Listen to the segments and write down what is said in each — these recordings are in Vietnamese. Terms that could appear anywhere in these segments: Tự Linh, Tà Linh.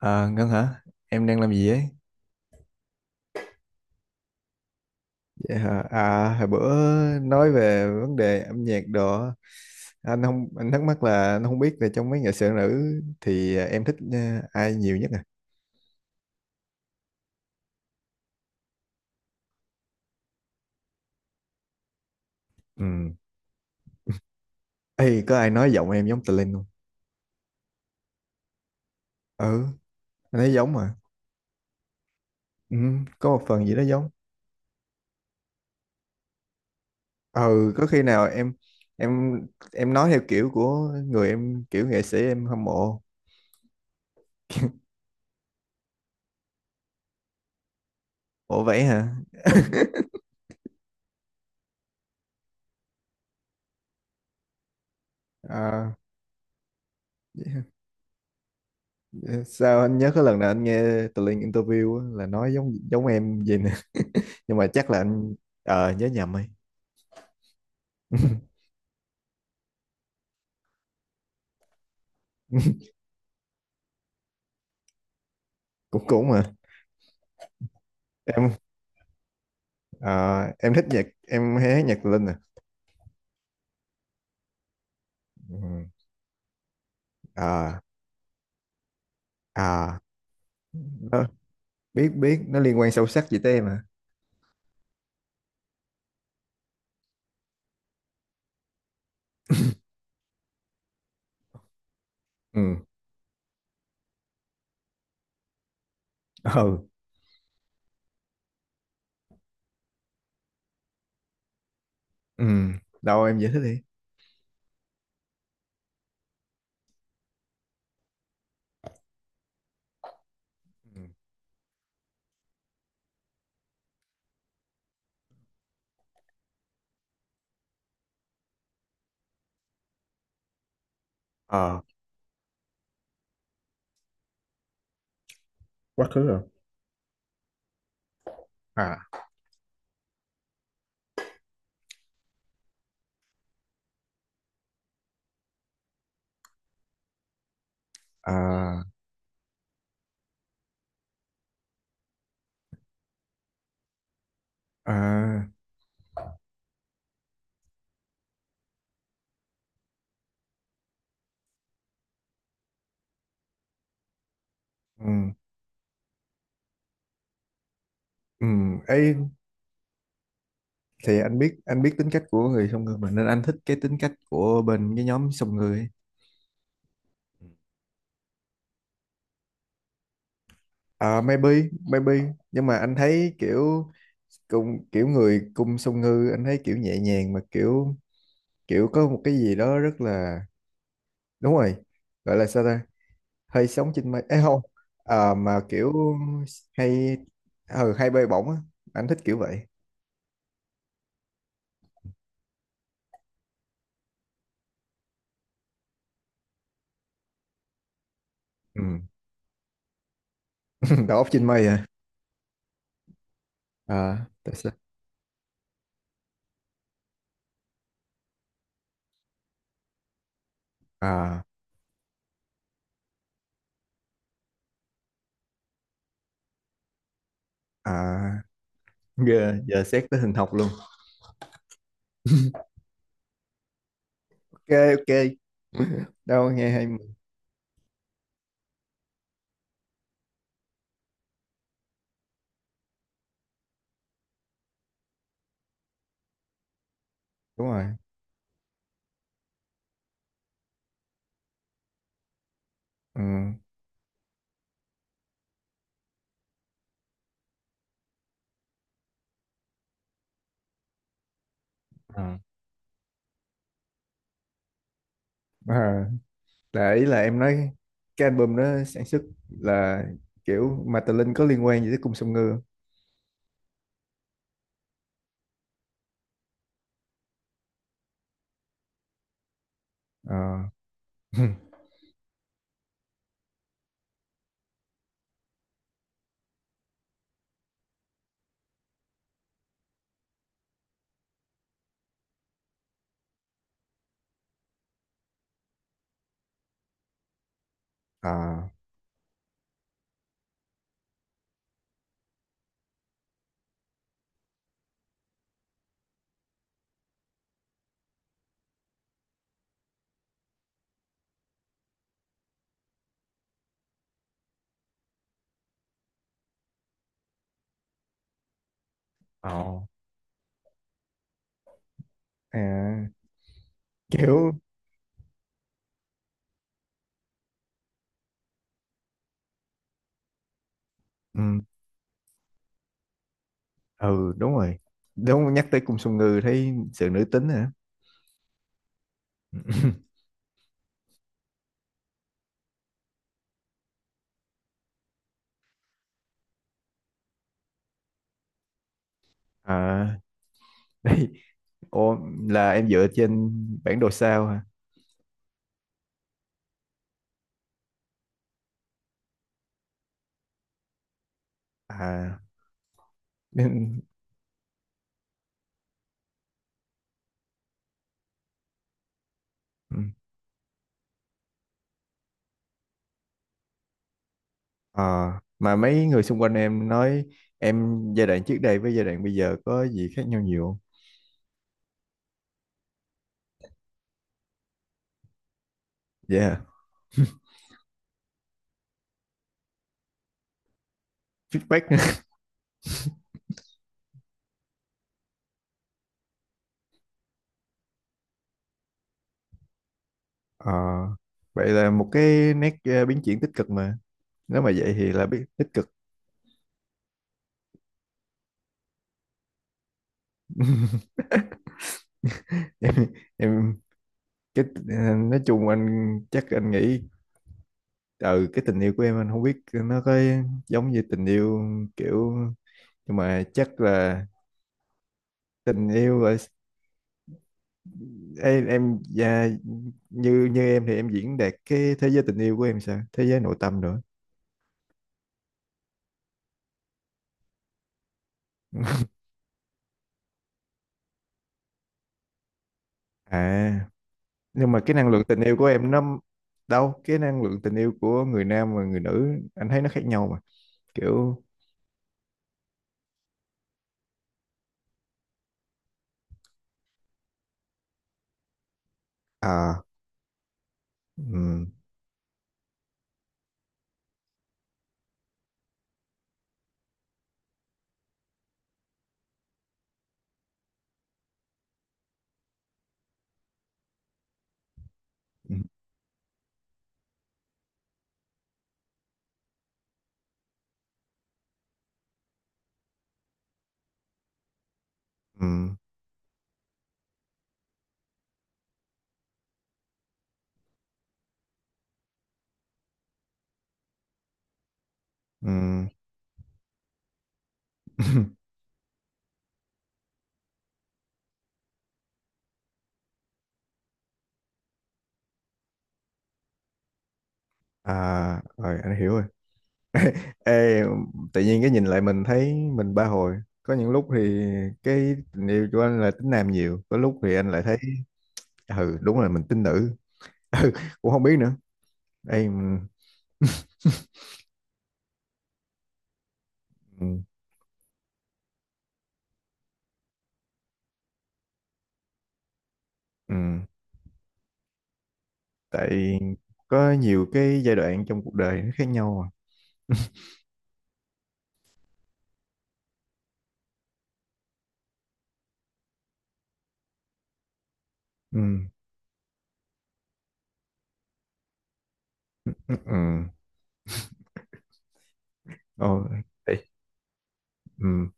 À, Ngân hả? Em đang làm gì ấy? Vậy hả? À, hồi bữa nói về vấn đề âm nhạc đồ, á, anh không anh thắc mắc là anh không biết là trong mấy nghệ sĩ nữ thì em thích ai nhiều nhất à? Ừ. Ê, có ai nói giọng em giống Tà Linh không? Ừ, anh thấy giống mà. Ừ, có một phần gì đó giống. Ừ, có khi nào em em nói theo kiểu của người em, kiểu nghệ sĩ em hâm mộ. Ủa vậy hả? À, sao anh nhớ cái lần nào anh nghe tụi Linh interview á, là nói giống giống em gì nè nhưng mà chắc là anh nhớ nhầm ấy. cũng cũng mà em, ờ, em thích nhạc, em hay hát nhạc tụi Linh à. Ừ. Ờ. Ờ. Đó, biết biết nó liên quan sâu sắc gì tới em à. Ừ. Ừ. Ừ, đâu em giải thích đi. Ừ. Ờ, quá khứ rồi. À. À. À. Ừ. Ừ, thì anh biết tính cách của người song ngư mà, nên anh thích cái tính cách của bên cái nhóm song ngư ấy. Ừ. À, maybe. Nhưng mà anh thấy kiểu cùng kiểu người cung song ngư, anh thấy kiểu nhẹ nhàng mà kiểu kiểu có một cái gì đó rất là, đúng rồi, gọi là sao ta, hơi sống trên mây ấy không? À, mà kiểu hay, ừ, hay bay bổng á, anh thích kiểu vậy. Ừ. Đầu óc trên mây à. À, tại sao? À. À, giờ giờ xét tới hình học luôn. OK, OK. Đâu nghe hay mà. Đúng rồi. Ừ. Ờ. À, là ý là em nói cái album đó sản xuất là kiểu mà Tà Linh có liên quan gì tới cung Song Ngư không? Ờ. À. Ồ. À, kiểu. Ừ. Ừ đúng rồi, đúng, nhắc tới cung Song Ngư thấy sự nữ tính hả. À, đây. Ô, là em dựa trên bản đồ sao hả? À, nên. Ừ. Ờ, mà mấy người xung quanh em nói em giai đoạn trước đây với giai đoạn bây giờ có gì khác nhau nhiều không? Dạ, yeah. Feedback. Ờ, vậy là một cái nét, biến chuyển tích cực mà. Nếu mà vậy thì là biết tích cực. Em, em cái, nói chung anh chắc anh nghĩ, ừ, cái tình yêu của em, anh không biết nó có giống như tình yêu kiểu, nhưng mà chắc là tình yêu là em, dạ, như như em thì em diễn đạt cái thế giới tình yêu của em sao? Thế giới nội tâm nữa. Ừ. À, nhưng mà cái năng lượng tình yêu của em nó, đâu, cái năng lượng tình yêu của người nam và người nữ anh thấy nó khác nhau mà. Kiểu. À. ừm, ừm, ừm, ừm, À rồi anh hiểu rồi. Ê, tự nhiên cái nhìn lại mình thấy mình ba hồi. Có những lúc thì cái tình yêu của anh là tính nam nhiều, có lúc thì anh lại thấy, ừ, đúng là mình tính nữ. Ừ, cũng không biết nữa. Ê, ừm, ừm, tại có nhiều cái giai đoạn trong cuộc đời nó khác nhau mà. Ừ. Ừ. Ồ. Ê, ừ.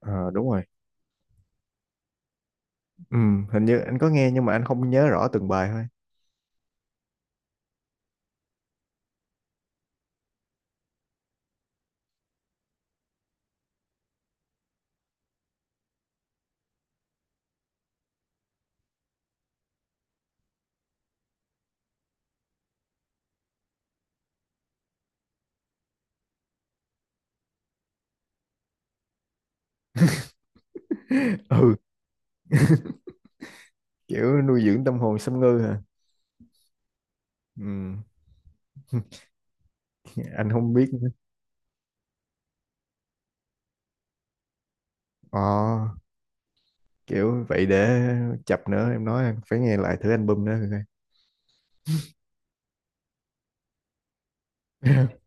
Ờ, đúng rồi. Ừ, hình như anh có nghe nhưng mà anh không nhớ rõ từng bài thôi. Ừ, kiểu nuôi dưỡng tâm hồn xâm ngư hả. Ừ. Anh không biết nữa. Ờ, kiểu vậy để chập nữa em nói anh phải nghe lại thử album nữa coi.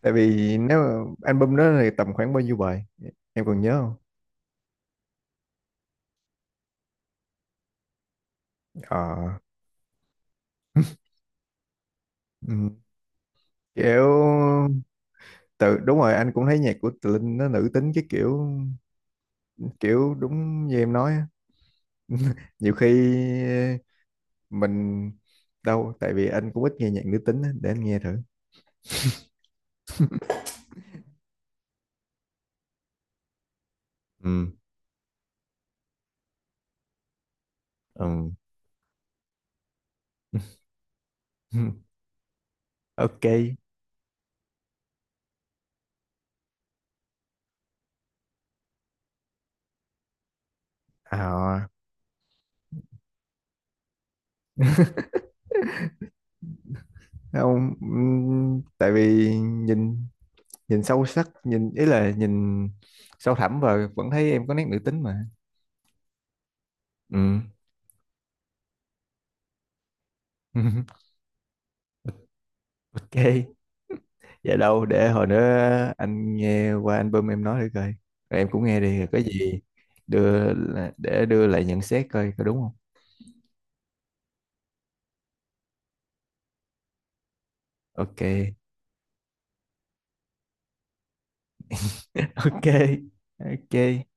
Tại vì nếu mà album đó thì tầm khoảng bao nhiêu bài em còn nhớ không? Ờ. Ừ. Kiểu, tự, đúng rồi, anh cũng thấy nhạc của Tự Linh nó nữ tính cái kiểu, kiểu đúng như em nói. Nhiều khi mình, đâu tại vì anh cũng ít nghe nhạc nữ tính á, để anh nghe thử. Ừ. Ừ. OK. À không, tại vì nhìn nhìn sâu sắc, nhìn ý là nhìn sâu thẳm và vẫn thấy em có nét nữ tính mà. Ừ. OK. Vậy đâu để hồi nữa anh nghe qua album em nói thử coi, rồi em cũng nghe đi, rồi có gì đưa, để đưa lại nhận xét coi có đúng không. OK. OK. OK.